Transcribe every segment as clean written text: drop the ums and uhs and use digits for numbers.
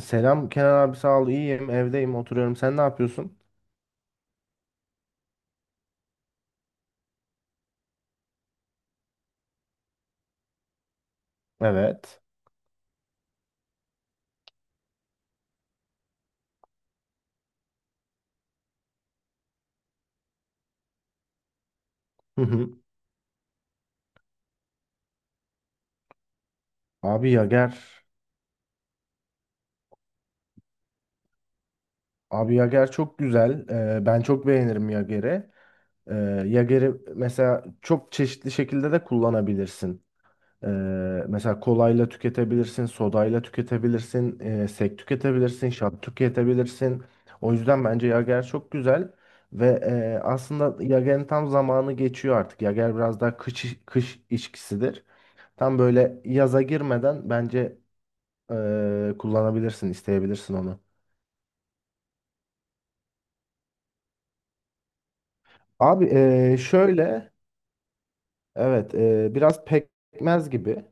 Selam Kenan abi, sağ ol, iyiyim, evdeyim, oturuyorum. Sen ne yapıyorsun? Evet. Hı hı. Abi Yager. Abi Yager çok güzel. Ben çok beğenirim Yager'i. Ee, Yager'i mesela çok çeşitli şekilde de kullanabilirsin. Ee, mesela kolayla tüketebilirsin, sodayla tüketebilirsin, sek tüketebilirsin, şat tüketebilirsin. O yüzden bence Yager çok güzel. Ve aslında Yager'in tam zamanı geçiyor artık. Yager biraz daha kış içkisidir. Tam böyle yaza girmeden bence kullanabilirsin, isteyebilirsin onu. Abi şöyle, evet, biraz pekmez gibi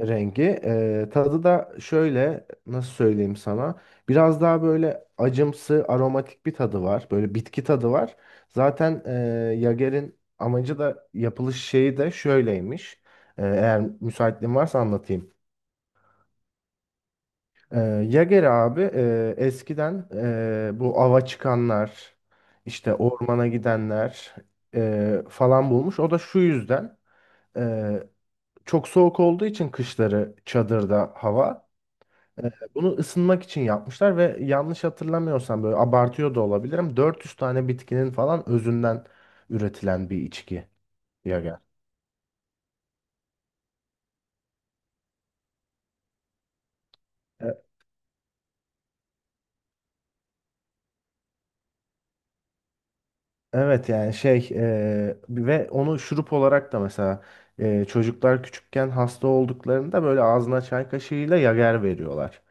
rengi. Tadı da şöyle, nasıl söyleyeyim sana? Biraz daha böyle acımsı, aromatik bir tadı var. Böyle bitki tadı var. Zaten Jager'in amacı da yapılış şeyi de şöyleymiş. Eğer müsaitliğin varsa anlatayım. Ee, Yager abi, eskiden bu ava çıkanlar, işte ormana gidenler falan bulmuş. O da şu yüzden, e, çok soğuk olduğu için kışları çadırda hava, bunu ısınmak için yapmışlar. Ve yanlış hatırlamıyorsam, böyle abartıyor da olabilirim, 400 tane bitkinin falan özünden üretilen bir içki Yager. Evet yani ve onu şurup olarak da mesela, çocuklar küçükken hasta olduklarında böyle ağzına çay kaşığıyla yager veriyorlar.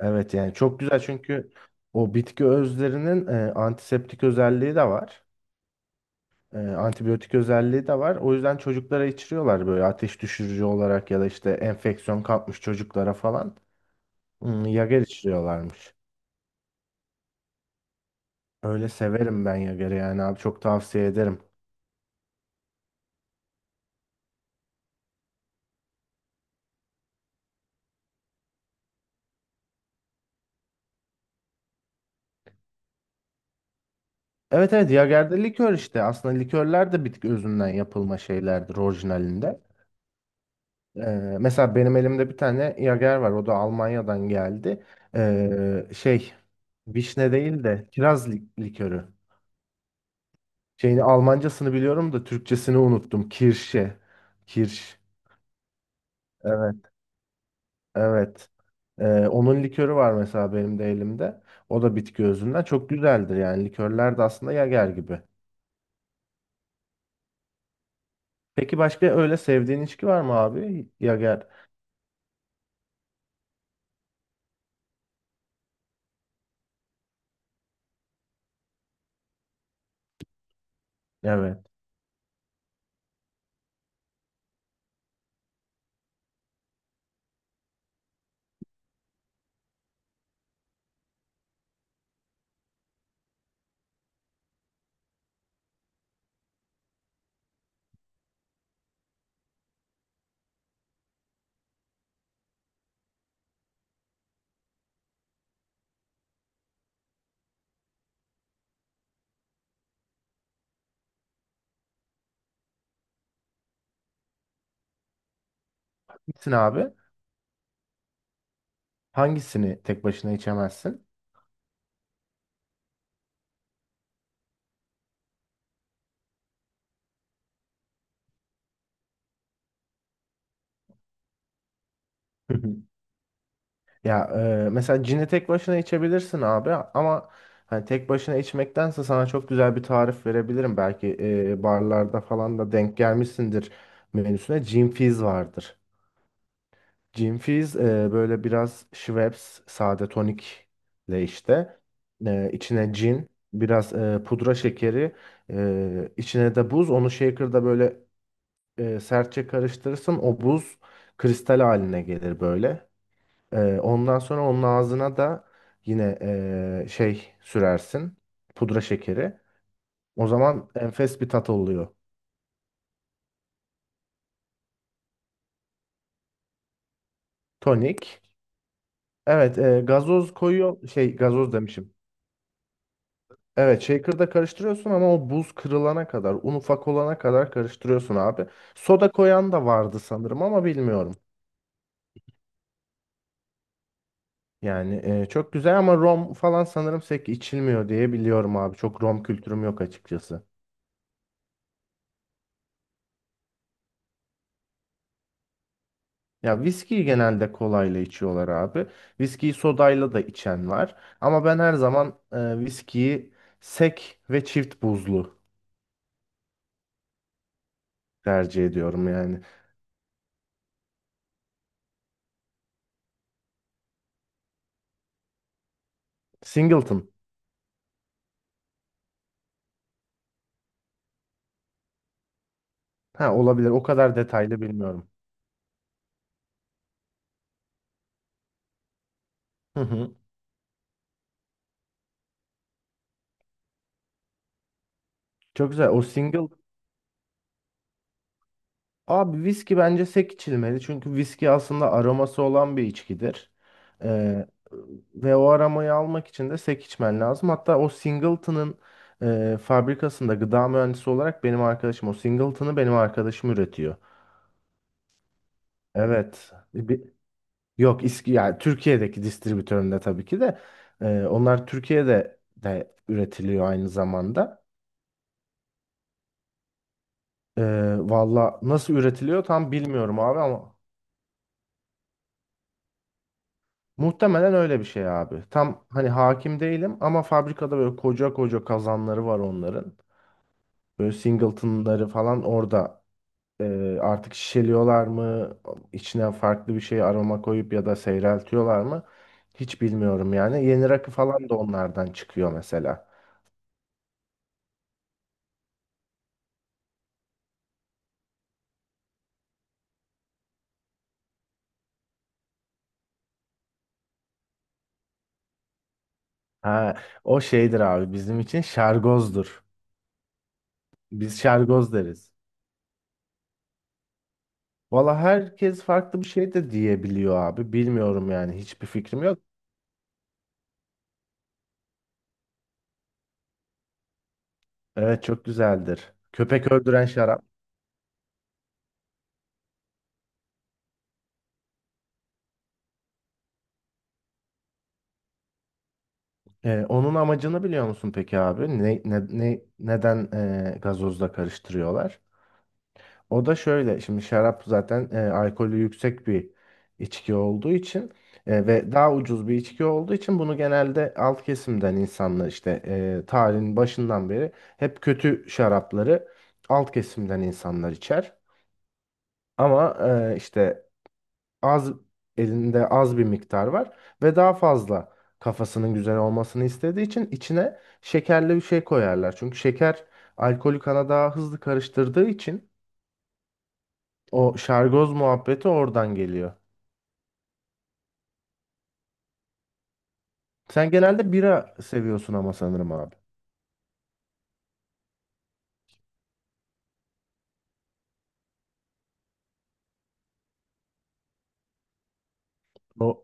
Evet yani çok güzel, çünkü o bitki özlerinin antiseptik özelliği de var. Antibiyotik özelliği de var. O yüzden çocuklara içiriyorlar böyle ateş düşürücü olarak, ya da işte enfeksiyon kapmış çocuklara falan. Hmm, yager içiriyorlarmış. Öyle severim ben yageri yani abi, çok tavsiye ederim. Evet evet, Jager'de likör işte. Aslında likörler de bitki özünden yapılma şeylerdir orijinalinde. Ee, mesela benim elimde bir tane Jager var. O da Almanya'dan geldi. Şey, vişne değil de kiraz likörü. Şeyini Almancasını biliyorum da Türkçesini unuttum. Kirşe. Kirş. Evet. Evet. Onun likörü var mesela benim de elimde. O da bitki özünden. Çok güzeldir yani. Likörler de aslında Jager gibi. Peki başka öyle sevdiğin içki var mı abi? Jager. Evet. Gitsin abi. Hangisini tek başına içemezsin? Hı hı. Ya Mesela cini tek başına içebilirsin abi, ama hani tek başına içmektense sana çok güzel bir tarif verebilirim. Belki barlarda falan da denk gelmişsindir menüsüne. Gin Fizz vardır. Gin Fizz, böyle biraz Schweppes sade tonikle, işte içine cin, biraz pudra şekeri, içine de buz. Onu shaker'da böyle sertçe karıştırırsın, o buz kristal haline gelir böyle. E, ondan sonra onun ağzına da yine şey sürersin, pudra şekeri. O zaman enfes bir tat oluyor. Tonik. Evet, gazoz koyuyor, şey, gazoz demişim. Evet, shaker'da karıştırıyorsun, ama o buz kırılana kadar, un ufak olana kadar karıştırıyorsun abi. Soda koyan da vardı sanırım, ama bilmiyorum. Yani çok güzel, ama rom falan sanırım pek içilmiyor diye biliyorum abi. Çok rom kültürüm yok açıkçası. Ya, viskiyi genelde kolayla içiyorlar abi. Viskiyi sodayla da içen var. Ama ben her zaman viskiyi sek ve çift buzlu tercih ediyorum yani. Singleton. Ha, olabilir. O kadar detaylı bilmiyorum. Hı hı. Çok güzel. O single. Abi, viski bence sek içilmeli. Çünkü viski aslında aroması olan bir içkidir. Ee, ve o aromayı almak için de sek içmen lazım. Hatta o Singleton'ın fabrikasında gıda mühendisi olarak benim arkadaşım o Singleton'ı benim arkadaşım üretiyor. Evet. Yok, İSK, yani Türkiye'deki distribütöründe tabii ki de onlar Türkiye'de de üretiliyor aynı zamanda. E, valla nasıl üretiliyor tam bilmiyorum abi, ama muhtemelen öyle bir şey abi. Tam hani hakim değilim, ama fabrikada böyle koca koca kazanları var onların. Böyle singletonları falan orada artık şişeliyorlar mı? İçine farklı bir şey aroma koyup ya da seyreltiyorlar mı? Hiç bilmiyorum yani. Yeni rakı falan da onlardan çıkıyor mesela. Ha, o şeydir abi, bizim için şargozdur. Biz şargoz deriz. Valla herkes farklı bir şey de diyebiliyor abi. Bilmiyorum yani, hiçbir fikrim yok. Evet çok güzeldir. Köpek öldüren şarap. Onun amacını biliyor musun peki abi? Neden gazozla karıştırıyorlar? O da şöyle. Şimdi şarap zaten alkolü yüksek bir içki olduğu için, ve daha ucuz bir içki olduğu için bunu genelde alt kesimden insanlar, işte, tarihin başından beri hep kötü şarapları alt kesimden insanlar içer. Ama işte az elinde az bir miktar var ve daha fazla kafasının güzel olmasını istediği için içine şekerli bir şey koyarlar. Çünkü şeker alkolü kana daha hızlı karıştırdığı için o şargoz muhabbeti oradan geliyor. Sen genelde bira seviyorsun ama sanırım abi. O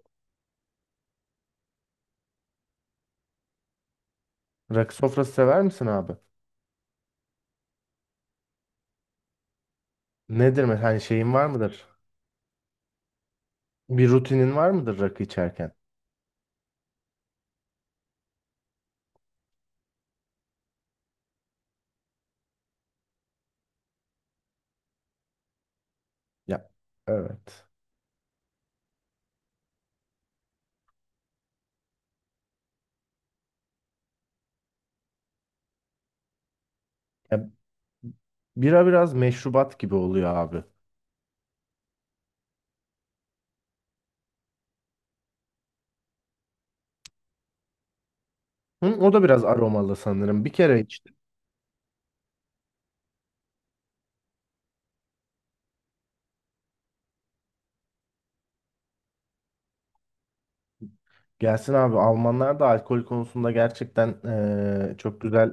rakı sofrası sever misin abi? Nedir mesela, hani şeyin var mıdır? Bir rutinin var mıdır rakı içerken? Ya evet. Ya, bira biraz meşrubat gibi oluyor abi. Hı, o da biraz aromalı sanırım. Bir kere iç. Gelsin abi, Almanlar da alkol konusunda gerçekten çok güzel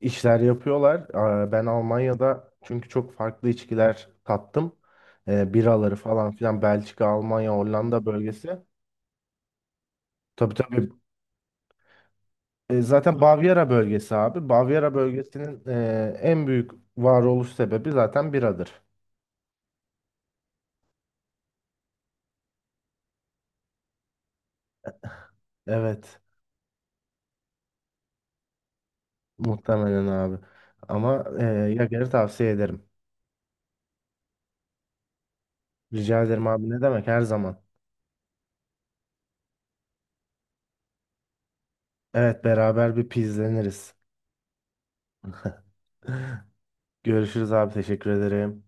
işler yapıyorlar. Aa, ben Almanya'da çünkü çok farklı içkiler tattım. Biraları falan filan, Belçika, Almanya, Hollanda bölgesi. Tabii tabii. Zaten Bavyera bölgesi abi. Bavyera bölgesinin en büyük varoluş sebebi zaten biradır. Evet, muhtemelen abi. Ama Yager'i tavsiye ederim. Rica ederim abi, ne demek, her zaman. Evet, beraber bir pizleniriz. Görüşürüz abi, teşekkür ederim.